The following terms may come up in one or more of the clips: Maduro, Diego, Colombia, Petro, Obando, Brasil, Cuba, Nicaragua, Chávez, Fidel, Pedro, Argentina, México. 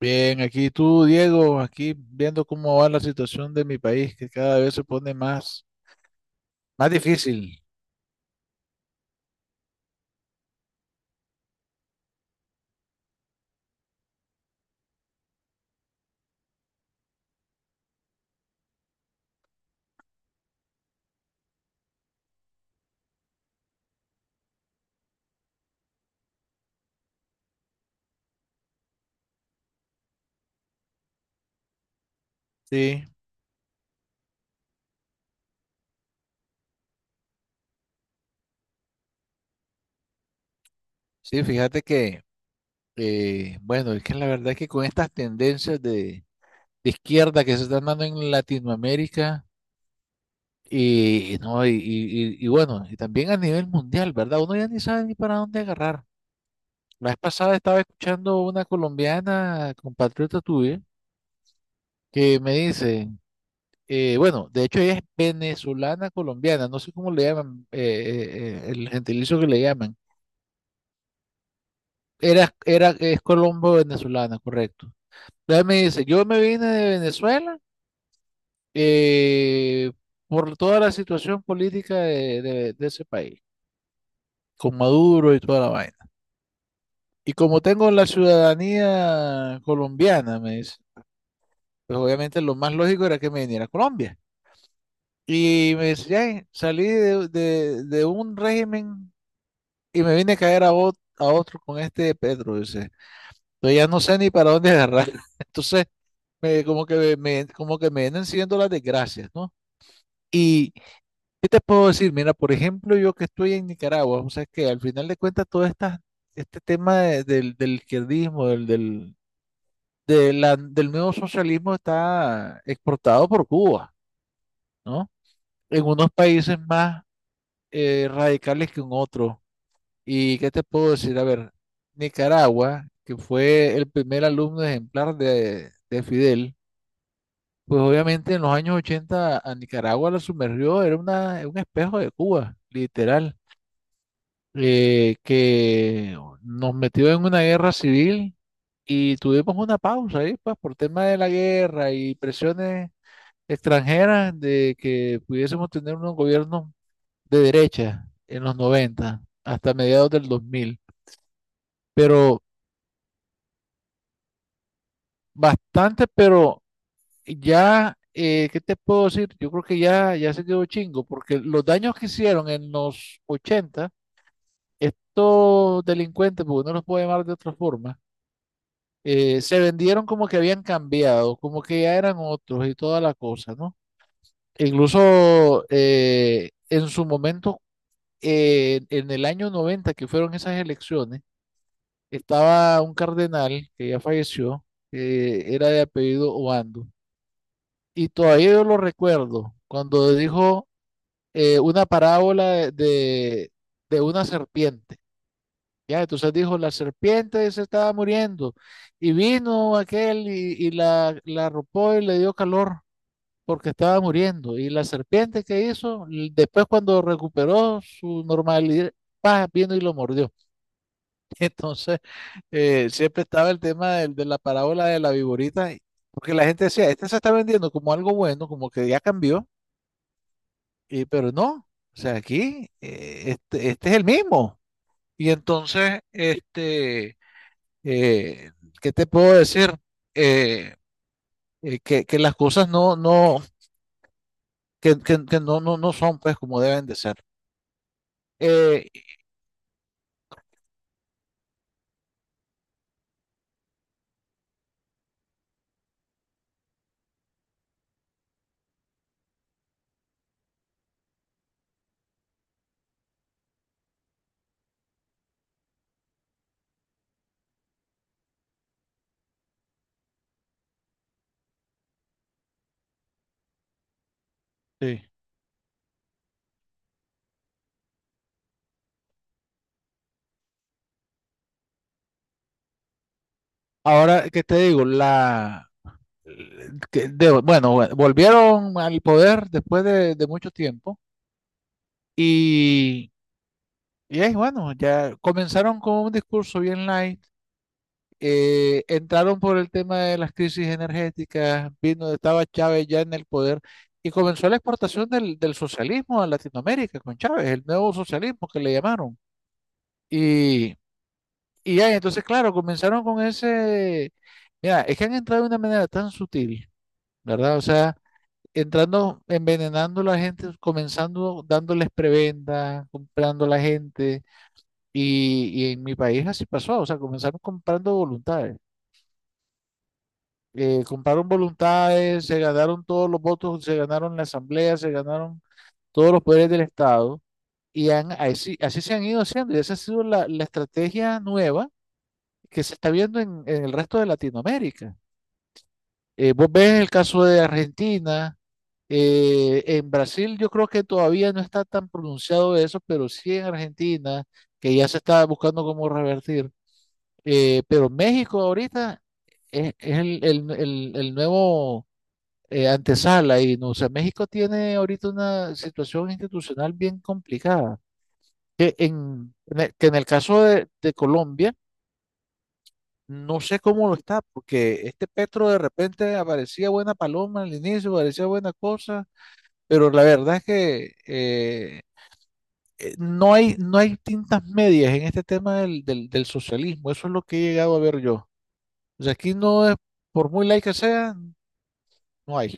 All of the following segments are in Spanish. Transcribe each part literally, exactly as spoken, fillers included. Bien, aquí tú, Diego, aquí viendo cómo va la situación de mi país, que cada vez se pone más, más difícil. Sí, sí, fíjate que, eh, bueno, es que la verdad es que con estas tendencias de, de izquierda que se están dando en Latinoamérica y, y no, y, y- y- y bueno, y también a nivel mundial, ¿verdad? Uno ya ni sabe ni para dónde agarrar. La vez pasada estaba escuchando una colombiana, compatriota tuya, que me dice… eh, bueno, de hecho ella es venezolana colombiana, no sé cómo le llaman, eh, eh, eh, el gentilicio que le llaman. Era, era, es colombo venezolana, correcto. Entonces me dice, yo me vine de Venezuela, eh, por toda la situación política de, de- de ese país, con Maduro y toda la vaina. Y como tengo la ciudadanía colombiana, me dice, pues obviamente lo más lógico era que me viniera a Colombia. Y me decía, "Ay, salí de, de- de un régimen y me vine a caer a, ot- a otro con este de Pedro", dice. Yo ya no sé ni para dónde agarrar. Entonces, me- como que me, como que me vienen siguiendo las desgracias, ¿no? Y, ¿qué te puedo decir? Mira, por ejemplo, yo que estoy en Nicaragua, o sea, que al final de cuentas todo esta, este tema de- del, del izquierdismo, del, del, de la- del nuevo socialismo está exportado por Cuba, ¿no? En unos países más eh, radicales que en otros. ¿Y qué te puedo decir? A ver, Nicaragua, que fue el primer alumno ejemplar de, de Fidel, pues obviamente en los años ochenta a Nicaragua la sumergió, era una, un espejo de Cuba, literal, eh, que nos metió en una guerra civil y tuvimos una pausa ahí, pues por tema de la guerra y presiones extranjeras de que pudiésemos tener unos gobiernos de derecha en los noventa hasta mediados del dos mil. Pero bastante, pero ya, eh, ¿qué te puedo decir? Yo creo que ya, ya se quedó chingo, porque los daños que hicieron en los ochenta estos delincuentes, porque no los puedo llamar de otra forma, eh, se vendieron como que habían cambiado, como que ya eran otros y toda la cosa, ¿no? E incluso eh, en su momento, eh, en el año noventa que fueron esas elecciones, estaba un cardenal que ya falleció, que era de apellido Obando. Y todavía yo lo recuerdo cuando dijo eh, una parábola de, de, de una serpiente. Ya, entonces dijo, la serpiente se estaba muriendo y vino aquel y, y la, la arropó y le dio calor porque estaba muriendo. Y la serpiente que hizo, L- después cuando recuperó su normalidad, paz, vino y lo mordió. Entonces, eh, siempre estaba el tema del- de la parábola de la viborita, porque la gente decía, este se está vendiendo como algo bueno, como que ya cambió. Y, pero no, o sea, aquí eh, este, este es el mismo. Y entonces, este, eh, ¿qué te puedo decir? Eh, eh, que, que las cosas no, no, que, que- que no, no, no son pues como deben de ser. Eh, Sí. Ahora, ¿qué te digo? La, eh, que de- bueno, bueno, volvieron al poder después de, de mucho tiempo y, y ahí, bueno, ya comenzaron con un discurso bien light. eh, entraron por el tema de las crisis energéticas, vino, estaba Chávez ya en el poder y comenzó la exportación del, del socialismo a Latinoamérica con Chávez, el nuevo socialismo que le llamaron. Y, y ya, entonces, claro, comenzaron con ese, mira, es que han entrado de una manera tan sutil, ¿verdad? O sea, entrando, envenenando a la gente, comenzando dándoles prebenda, comprando a la gente. Y, y en mi país así pasó, o sea, comenzaron comprando voluntades. Eh, compraron voluntades, se ganaron todos los votos, se ganaron la asamblea, se ganaron todos los poderes del Estado y han- así, así se han ido haciendo y esa ha sido la, la estrategia nueva que se está viendo en, en el resto de Latinoamérica. Eh, vos ves el caso de Argentina, eh, en Brasil yo creo que todavía no está tan pronunciado eso, pero sí en Argentina, que ya se está buscando cómo revertir. Eh, pero México ahorita es, es el el- el- el nuevo eh, antesala y no, o sea, México tiene ahorita una situación institucional bien complicada, que en, en el, que en el caso de, de Colombia, no sé cómo lo está, porque este Petro de repente aparecía buena paloma al inicio, aparecía buena cosa, pero la verdad es que eh, eh, no hay, no hay tintas medias en este tema del, del, del socialismo, eso es lo que he llegado a ver yo. O sea, aquí no es, por muy laica que sea, no hay.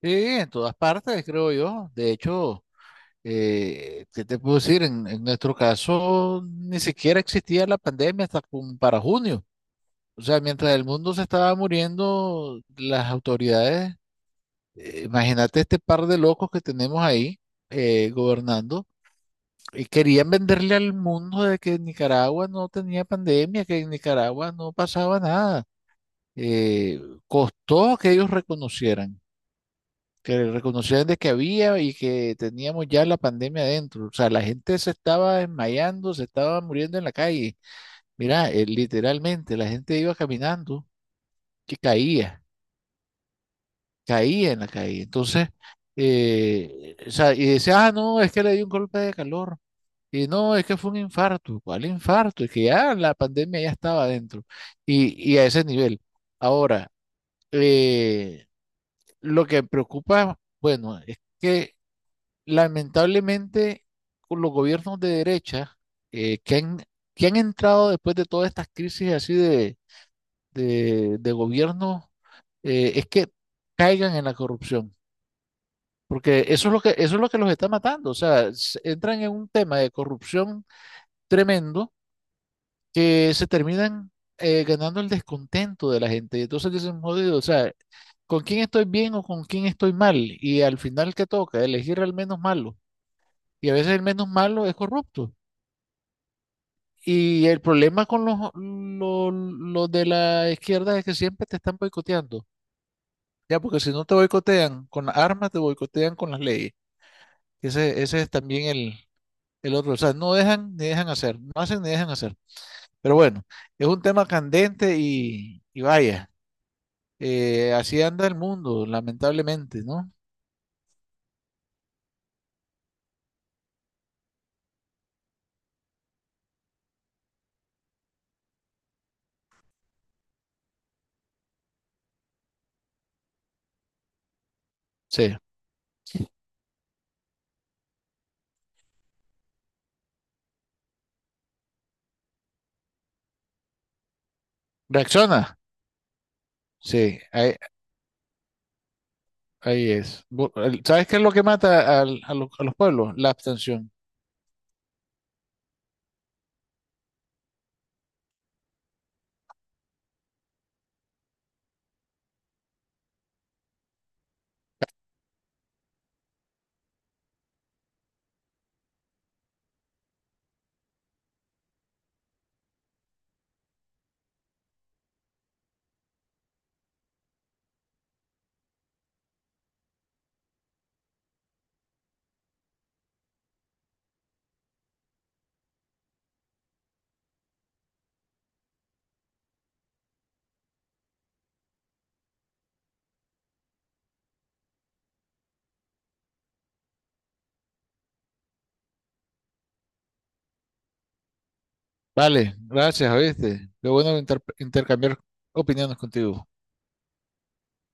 Sí, en todas partes, creo yo. De hecho, Eh, ¿qué te puedo decir? En, en nuestro caso, ni siquiera existía la pandemia hasta como para junio. O sea, mientras el mundo se estaba muriendo, las autoridades, eh, imagínate este par de locos que tenemos ahí eh, gobernando, y querían venderle al mundo de que Nicaragua no tenía pandemia, que en Nicaragua no pasaba nada. Eh, costó que ellos reconocieran que reconocieran de que había y que teníamos ya la pandemia adentro. O sea, la gente se estaba desmayando, se estaba muriendo en la calle. Mira, eh, literalmente la gente iba caminando que caía, caía en la calle. Entonces, eh, o sea, y decía, ah, no, es que le dio un golpe de calor. Y no, es que fue un infarto. ¿Cuál infarto? Es que ya la pandemia ya estaba adentro. Y, y a ese nivel. Ahora, eh, lo que preocupa, bueno, es que lamentablemente con los gobiernos de derecha eh, que han, que han entrado después de todas estas crisis así de, de, de gobierno, eh, es que caigan en la corrupción. Porque eso es lo que, eso es lo que los está matando. O sea, s- entran en un tema de corrupción tremendo que se terminan eh, ganando el descontento de la gente. Y entonces dicen, jodido, o sea, ¿con quién estoy bien o con quién estoy mal? Y al final, ¿qué toca? Elegir al menos malo. Y a veces el menos malo es corrupto. Y el problema con los, los, los de la izquierda es que siempre te están boicoteando. Ya, porque si no te boicotean con las armas, te boicotean con las leyes. Ese, ese es también el, el otro. O sea, no dejan ni dejan hacer, no hacen ni dejan hacer. Pero bueno, es un tema candente y, y vaya, eh, así anda el mundo, lamentablemente, ¿no? Sí. Reacciona. Sí, ahí, ahí es. Bu- el- ¿Sabes qué es lo que mata al- a, lo- a los pueblos? La abstención. Vale, gracias, ¿oíste? Qué bueno inter- intercambiar opiniones contigo.